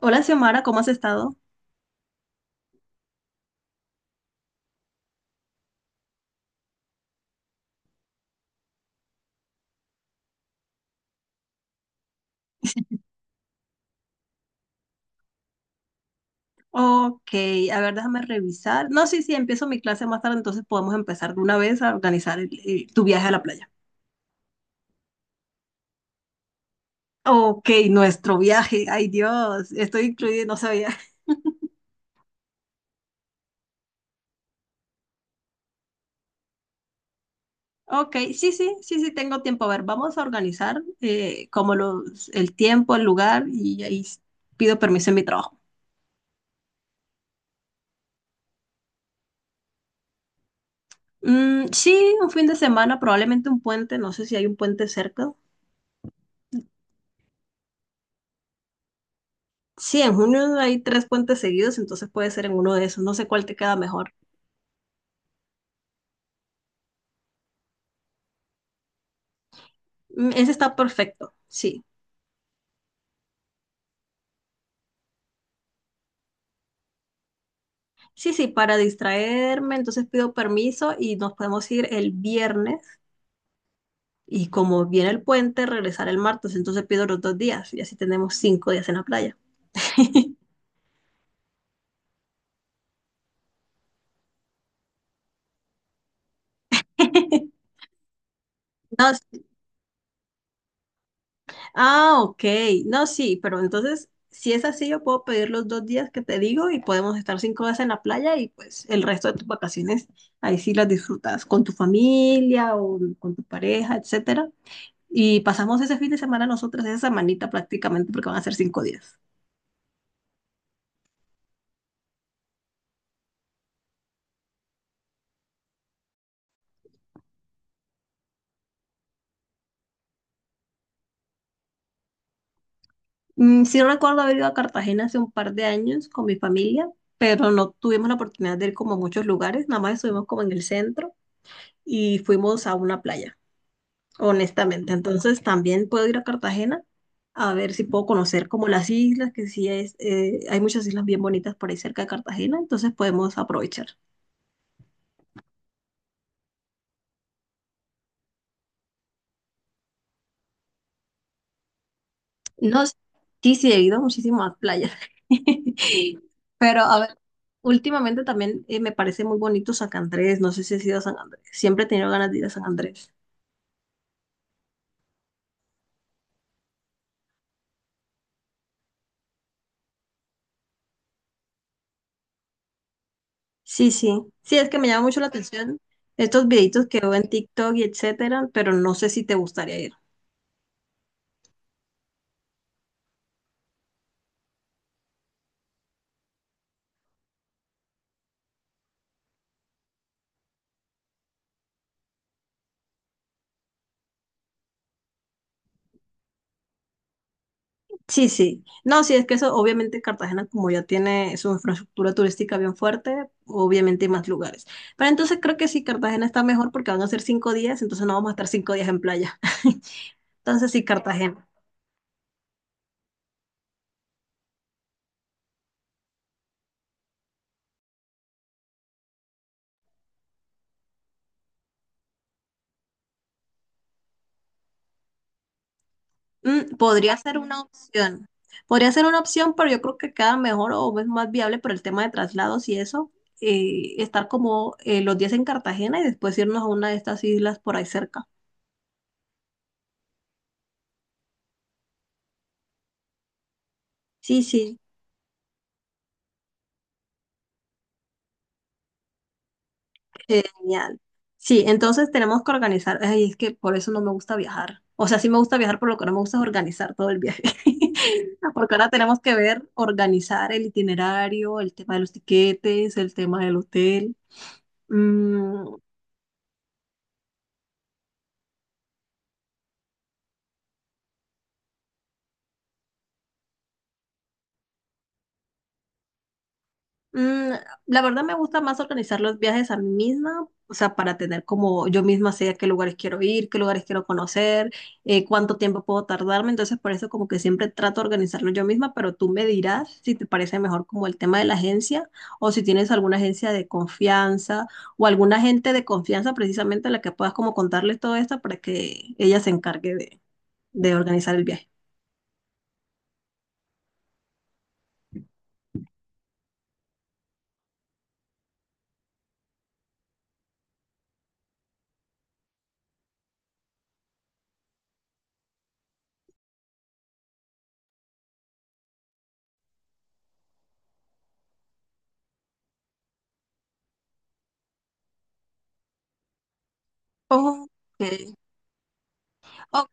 Hola, Xiomara, ¿cómo has estado? Ok, a ver, déjame revisar. No, sí, sí, empiezo mi clase más tarde, entonces podemos empezar de una vez a organizar tu viaje a la playa. Ok, nuestro viaje, ay Dios, estoy incluida, no sabía. Ok, sí, sí, sí, sí, tengo tiempo. A ver, vamos a organizar como el tiempo, el lugar y ahí pido permiso en mi trabajo. Mm, sí, un fin de semana, probablemente un puente, no sé si hay un puente cerca. Sí, en junio hay tres puentes seguidos, entonces puede ser en uno de esos, no sé cuál te queda mejor. Mm, ese está perfecto, sí. Sí, sí, para distraerme, entonces pido permiso y nos podemos ir el viernes. Y como viene el puente, regresar el martes, entonces pido los 2 días y así tenemos 5 días en la playa. No, ah, ok. No, sí, pero entonces, si es así, yo puedo pedir los 2 días que te digo y podemos estar 5 días en la playa y pues el resto de tus vacaciones, ahí sí las disfrutas con tu familia o con tu pareja, etcétera. Y pasamos ese fin de semana nosotras, esa semanita prácticamente, porque van a ser 5 días. Mm, sí recuerdo haber ido a Cartagena hace un par de años con mi familia, pero no tuvimos la oportunidad de ir como a muchos lugares, nada más estuvimos como en el centro y fuimos a una playa, honestamente. Entonces también puedo ir a Cartagena a ver si puedo conocer como las islas, que sí es, hay muchas islas bien bonitas por ahí cerca de Cartagena, entonces podemos aprovechar. No, sí, sí, he ido muchísimo a muchísimas playas. Pero, a ver, últimamente también me parece muy bonito San Andrés. No sé si has ido a San Andrés. Siempre he tenido ganas de ir a San Andrés. Sí, sí. Sí, es que me llama mucho la atención estos videitos que veo en TikTok y etcétera, pero no sé si te gustaría ir. Sí, sí. No, sí, es que eso, obviamente Cartagena, como ya tiene su infraestructura turística bien fuerte, obviamente hay más lugares. Pero entonces creo que sí, Cartagena está mejor porque van a ser 5 días, entonces no vamos a estar 5 días en playa. Entonces sí, Cartagena. Podría ser una opción. Podría ser una opción, pero yo creo que queda mejor o es más viable por el tema de traslados y eso, estar como los días en Cartagena y después irnos a una de estas islas por ahí cerca. Sí, sí. Genial. Sí, entonces tenemos que organizar. Ay, es que por eso no me gusta viajar. O sea, sí me gusta viajar, por lo que no me gusta es organizar todo el viaje. Porque ahora tenemos que ver, organizar el itinerario, el tema de los tiquetes, el tema del hotel. Mm, Mm, la verdad me gusta más organizar los viajes a mí misma, o sea, para tener como yo misma sé a qué lugares quiero ir, qué lugares quiero conocer, cuánto tiempo puedo tardarme, entonces por eso como que siempre trato de organizarlo yo misma, pero tú me dirás si te parece mejor como el tema de la agencia o si tienes alguna agencia de confianza o alguna agente de confianza precisamente a la que puedas como contarles todo esto para que ella se encargue de organizar el viaje. Ok, ok,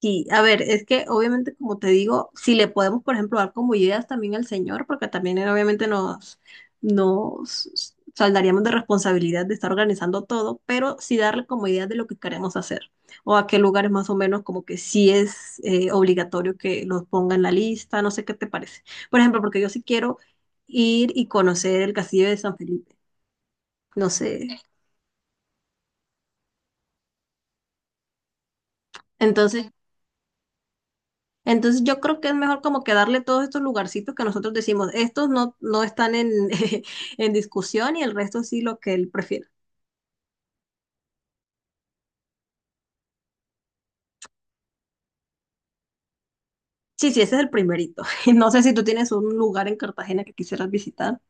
sí, a ver, es que obviamente, como te digo, si le podemos, por ejemplo, dar como ideas también al señor, porque también él obviamente nos saldaríamos de responsabilidad de estar organizando todo, pero sí darle como ideas de lo que queremos hacer o a qué lugares más o menos como que sí es obligatorio que los ponga en la lista, no sé qué te parece. Por ejemplo, porque yo sí quiero ir y conocer el Castillo de San Felipe, no sé. Entonces Entonces yo creo que es mejor como que darle todos estos lugarcitos que nosotros decimos, estos no, no están en, en discusión y el resto sí lo que él prefiera. Sí, sí, ese es el primerito. No sé si tú tienes un lugar en Cartagena que quisieras visitar.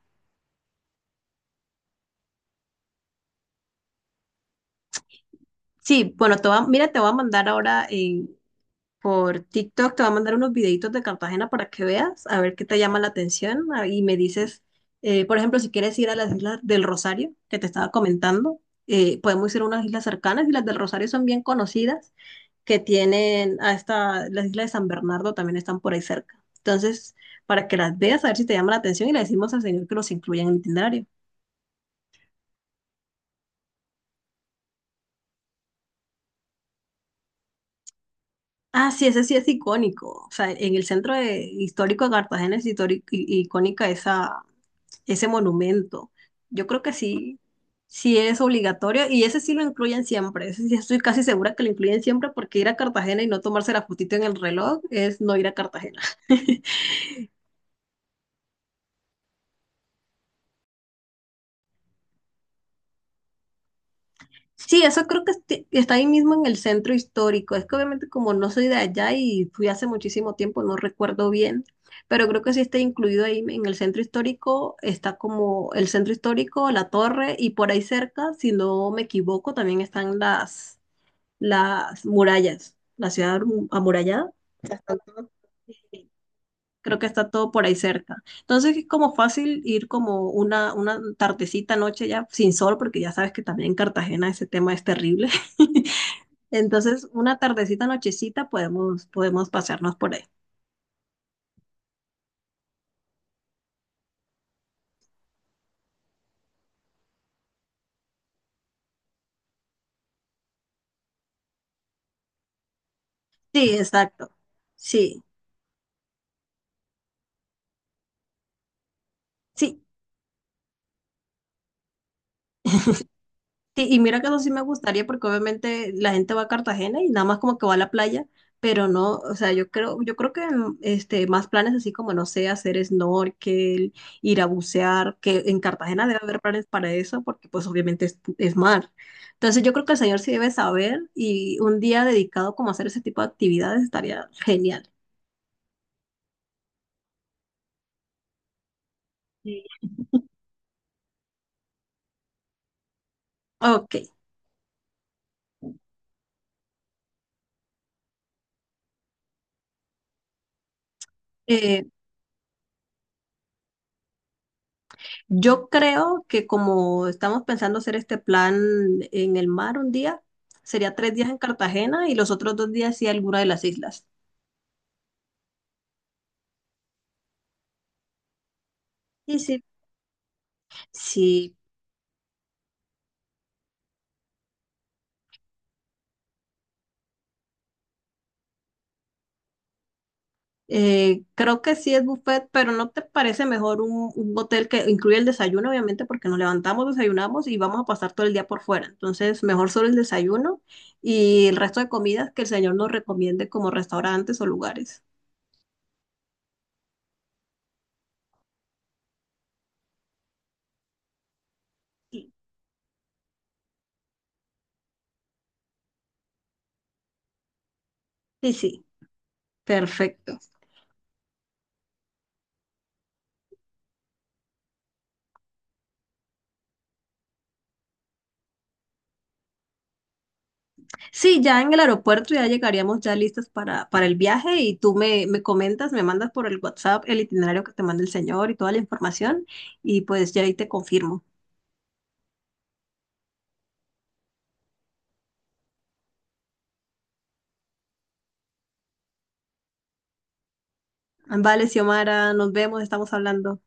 Sí, bueno, mira, te voy a mandar ahora por TikTok, te voy a mandar unos videitos de Cartagena para que veas, a ver qué te llama la atención, ah, y me dices, por ejemplo, si quieres ir a las islas del Rosario, que te estaba comentando, podemos ir a unas islas cercanas y las del Rosario son bien conocidas. Que tienen a esta las islas de San Bernardo también están por ahí cerca. Entonces, para que las veas, a ver si te llama la atención y le decimos al señor que los incluya en el itinerario. Ah, sí, ese sí es icónico. O sea, en el centro histórico de Cartagena es histórico, icónica ese monumento. Yo creo que sí, sí es obligatorio y ese sí lo incluyen siempre. Ese sí estoy casi segura que lo incluyen siempre porque ir a Cartagena y no tomarse la fotito en el reloj es no ir a Cartagena. Sí, eso creo que está ahí mismo en el centro histórico. Es que obviamente como no soy de allá y fui hace muchísimo tiempo, no recuerdo bien, pero creo que sí está incluido ahí en el centro histórico. Está como el centro histórico, la torre y por ahí cerca, si no me equivoco, también están las, murallas, la ciudad amurallada. Las tantas- Creo que está todo por ahí cerca. Entonces es como fácil ir como una tardecita, noche ya sin sol, porque ya sabes que también en Cartagena ese tema es terrible. Entonces una tardecita, nochecita podemos pasearnos por ahí. Sí, exacto. Sí, sí. Sí, y mira que eso sí me gustaría porque obviamente la gente va a Cartagena y nada más como que va a la playa, pero no, o sea, yo creo que más planes así como, no sé, hacer snorkel, ir a bucear, que en Cartagena debe haber planes para eso porque pues obviamente es mar. Entonces yo creo que el señor sí debe saber y un día dedicado como a hacer ese tipo de actividades estaría genial. Sí. Ok, eh, yo creo que como estamos pensando hacer este plan en el mar un día, sería 3 días en Cartagena y los otros 2 días sí alguna de las islas. Y sí, sí, creo que sí es buffet, pero ¿no te parece mejor un, hotel que incluya el desayuno, obviamente, porque nos levantamos, desayunamos y vamos a pasar todo el día por fuera? Entonces, mejor solo el desayuno y el resto de comidas que el señor nos recomiende como restaurantes o lugares. Sí, sí, sí, perfecto. Sí, ya en el aeropuerto ya llegaríamos ya listas para, el viaje y tú me comentas, me mandas por el WhatsApp el itinerario que te manda el señor y toda la información y pues ya ahí te confirmo. Vale, Xiomara, nos vemos, estamos hablando.